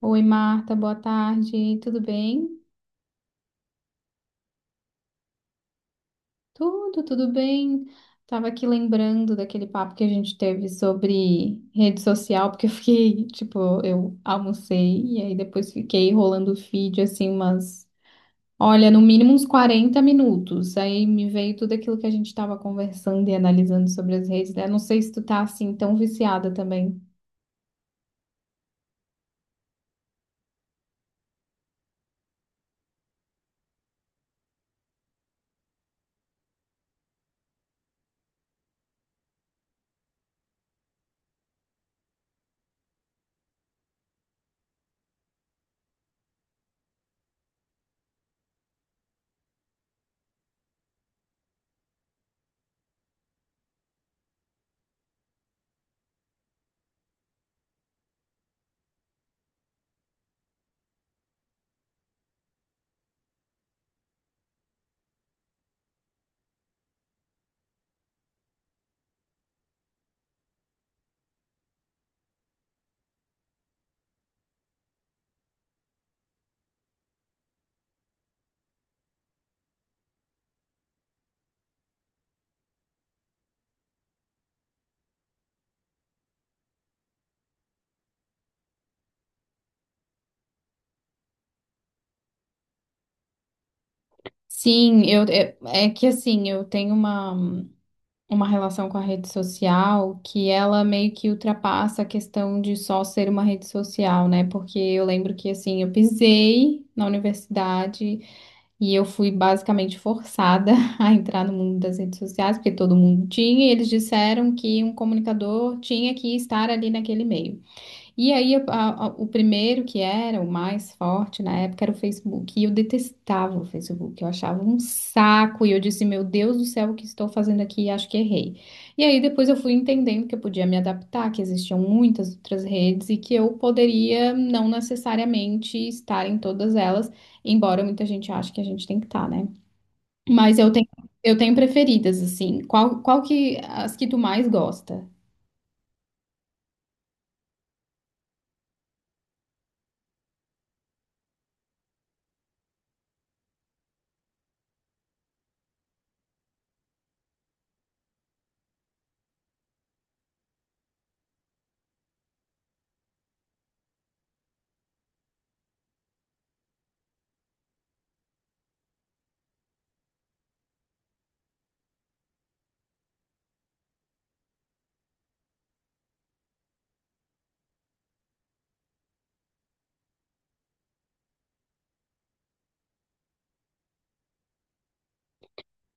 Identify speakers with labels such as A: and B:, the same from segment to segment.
A: Oi, Marta, boa tarde. Tudo bem? Tudo, tudo bem. Tava aqui lembrando daquele papo que a gente teve sobre rede social, porque eu fiquei, tipo, eu almocei e aí depois fiquei rolando o feed assim umas, olha, no mínimo uns 40 minutos. Aí me veio tudo aquilo que a gente tava conversando e analisando sobre as redes, né? Não sei se tu tá assim tão viciada também. Sim, eu é que assim, eu tenho uma relação com a rede social que ela meio que ultrapassa a questão de só ser uma rede social, né? Porque eu lembro que assim, eu pisei na universidade e eu fui basicamente forçada a entrar no mundo das redes sociais, porque todo mundo tinha, e eles disseram que um comunicador tinha que estar ali naquele meio. E aí, o primeiro que era o mais forte na época era o Facebook. E eu detestava o Facebook. Eu achava um saco. E eu disse, meu Deus do céu, o que estou fazendo aqui? Acho que errei. E aí, depois eu fui entendendo que eu podia me adaptar, que existiam muitas outras redes e que eu poderia não necessariamente estar em todas elas, embora muita gente ache que a gente tem que estar, né? Mas eu tenho preferidas, assim. Qual que, as que tu mais gosta?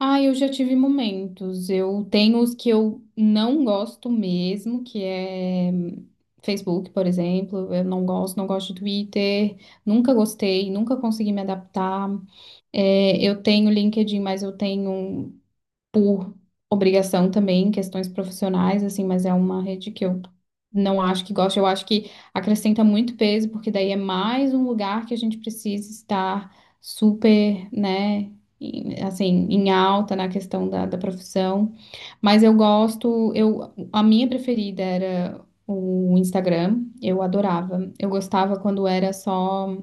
A: Ah, eu já tive momentos. Eu tenho os que eu não gosto mesmo, que é Facebook, por exemplo. Eu não gosto, não gosto de Twitter. Nunca gostei, nunca consegui me adaptar. É, eu tenho LinkedIn, mas eu tenho por obrigação também, questões profissionais, assim, mas é uma rede que eu não acho que gosto. Eu acho que acrescenta muito peso, porque daí é mais um lugar que a gente precisa estar super, né? Assim, em alta na questão da profissão, mas eu gosto, eu, a minha preferida era o Instagram, eu adorava. Eu gostava quando era só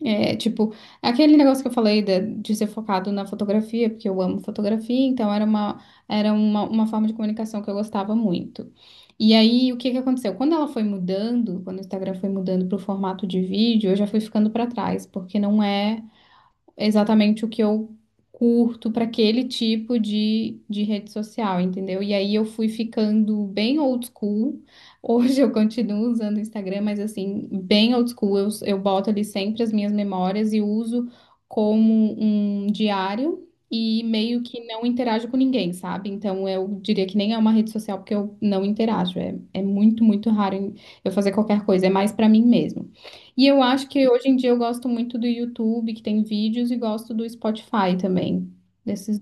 A: é, tipo, aquele negócio que eu falei de ser focado na fotografia, porque eu amo fotografia, então era uma, era uma forma de comunicação que eu gostava muito. E aí, o que que aconteceu? Quando ela foi mudando, quando o Instagram foi mudando para o formato de vídeo, eu já fui ficando para trás, porque não é exatamente o que eu curto para aquele tipo de rede social, entendeu? E aí eu fui ficando bem old school. Hoje eu continuo usando o Instagram, mas assim, bem old school. Eu boto ali sempre as minhas memórias e uso como um diário. E meio que não interajo com ninguém, sabe? Então eu diria que nem é uma rede social porque eu não interajo. É, é muito, muito raro eu fazer qualquer coisa. É mais para mim mesmo. E eu acho que hoje em dia eu gosto muito do YouTube, que tem vídeos, e gosto do Spotify também. Desses...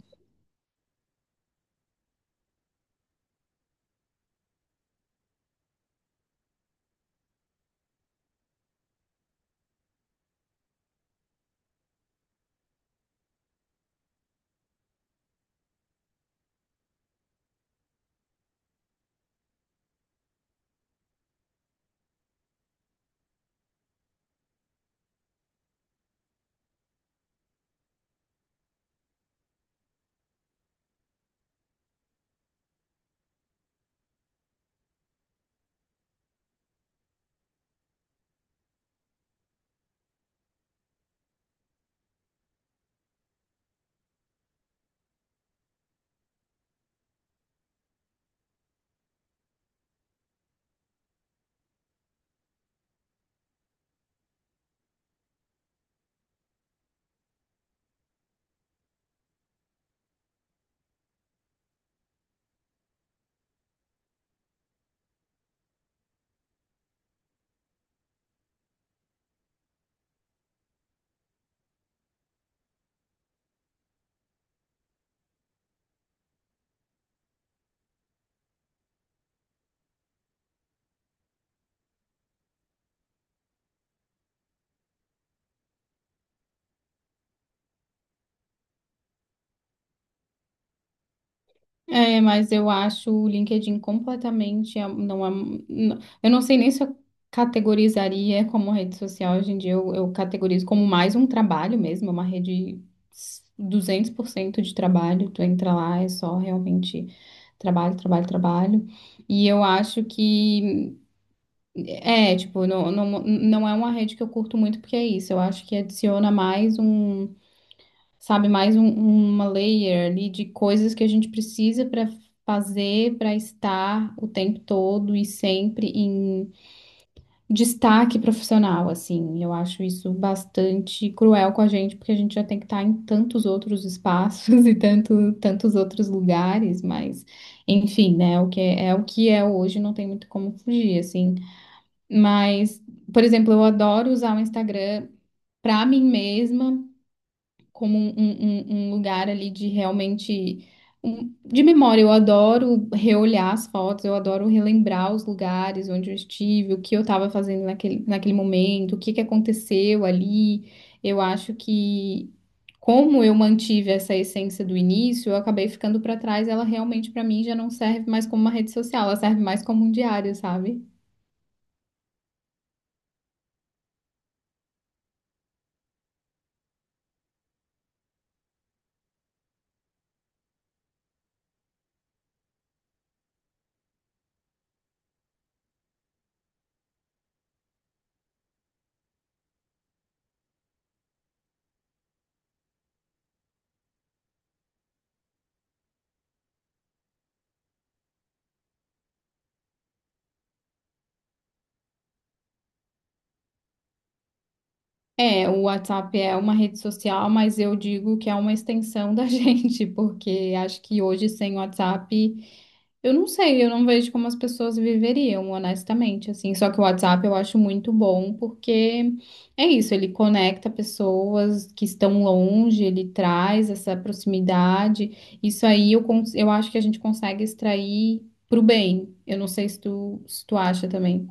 A: É, mas eu acho o LinkedIn completamente. Não, não- eu não sei nem se eu categorizaria como rede social hoje em dia. Eu categorizo como mais um trabalho mesmo, é uma rede 200% de trabalho. Tu entra lá, é só realmente trabalho, trabalho, trabalho. E eu acho que. É, tipo, não, não, não é uma rede que eu curto muito, porque é isso. Eu acho que adiciona mais um, sabe, uma layer ali de coisas que a gente precisa para fazer, para estar o tempo todo e sempre em destaque profissional, assim. Eu acho isso bastante cruel com a gente, porque a gente já tem que estar em tantos outros espaços e tantos outros lugares, mas, enfim, né? O que é, é o que é hoje, não tem muito como fugir, assim. Mas, por exemplo, eu adoro usar o Instagram para mim mesma, como um lugar ali de realmente. De memória. Eu adoro reolhar as fotos, eu adoro relembrar os lugares onde eu estive, o que eu estava fazendo naquele momento, o que que aconteceu ali. Eu acho que. Como eu mantive essa essência do início, eu acabei ficando para trás. Ela realmente, para mim, já não serve mais como uma rede social, ela serve mais como um diário, sabe? É, o WhatsApp é uma rede social, mas eu digo que é uma extensão da gente, porque acho que hoje sem WhatsApp, eu não sei, eu não vejo como as pessoas viveriam, honestamente, assim. Só que o WhatsApp eu acho muito bom, porque é isso, ele conecta pessoas que estão longe, ele traz essa proximidade. Isso aí eu, eu acho que a gente consegue extrair pro bem. Eu não sei se tu, acha também.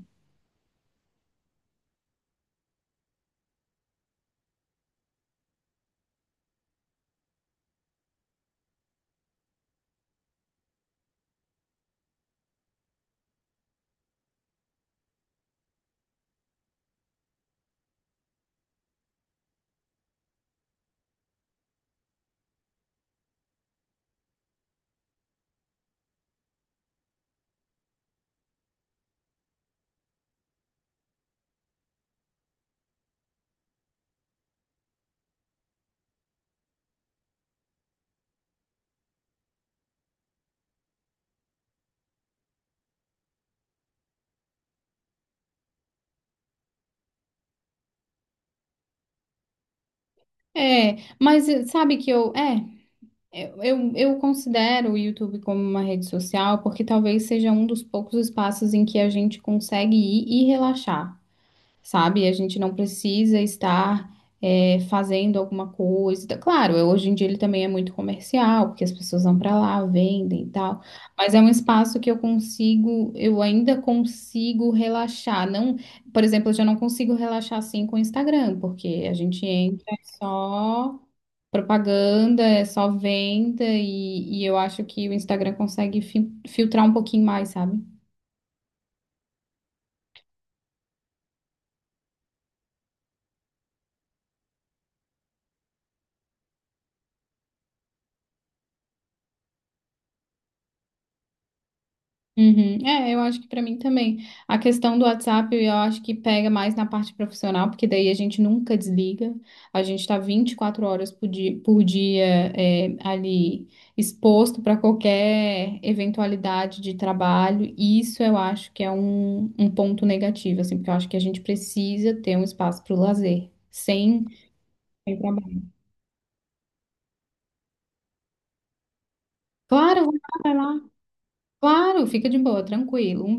A: É, mas eh, sabe que eu. É. Eu considero o YouTube como uma rede social porque talvez seja um dos poucos espaços em que a gente consegue ir e relaxar sabe? A gente não precisa estar fazendo alguma coisa. Claro, hoje em dia ele também é muito comercial, porque as pessoas vão para lá, vendem e tal. Mas é um espaço que eu consigo, eu ainda consigo relaxar. Não, por exemplo, eu já não consigo relaxar assim com o Instagram, porque a gente entra é só propaganda, é só venda, e eu acho que o Instagram consegue filtrar um pouquinho mais, sabe? Uhum. É, eu acho que para mim também. A questão do WhatsApp, eu acho que pega mais na parte profissional, porque daí a gente nunca desliga. A gente está 24 horas por dia, é, ali exposto para qualquer eventualidade de trabalho. E isso eu acho que é um ponto negativo, assim, porque eu acho que a gente precisa ter um espaço para o lazer, sem, sem trabalho. Claro, vai lá, vai lá. Claro, fica de boa, tranquilo. Um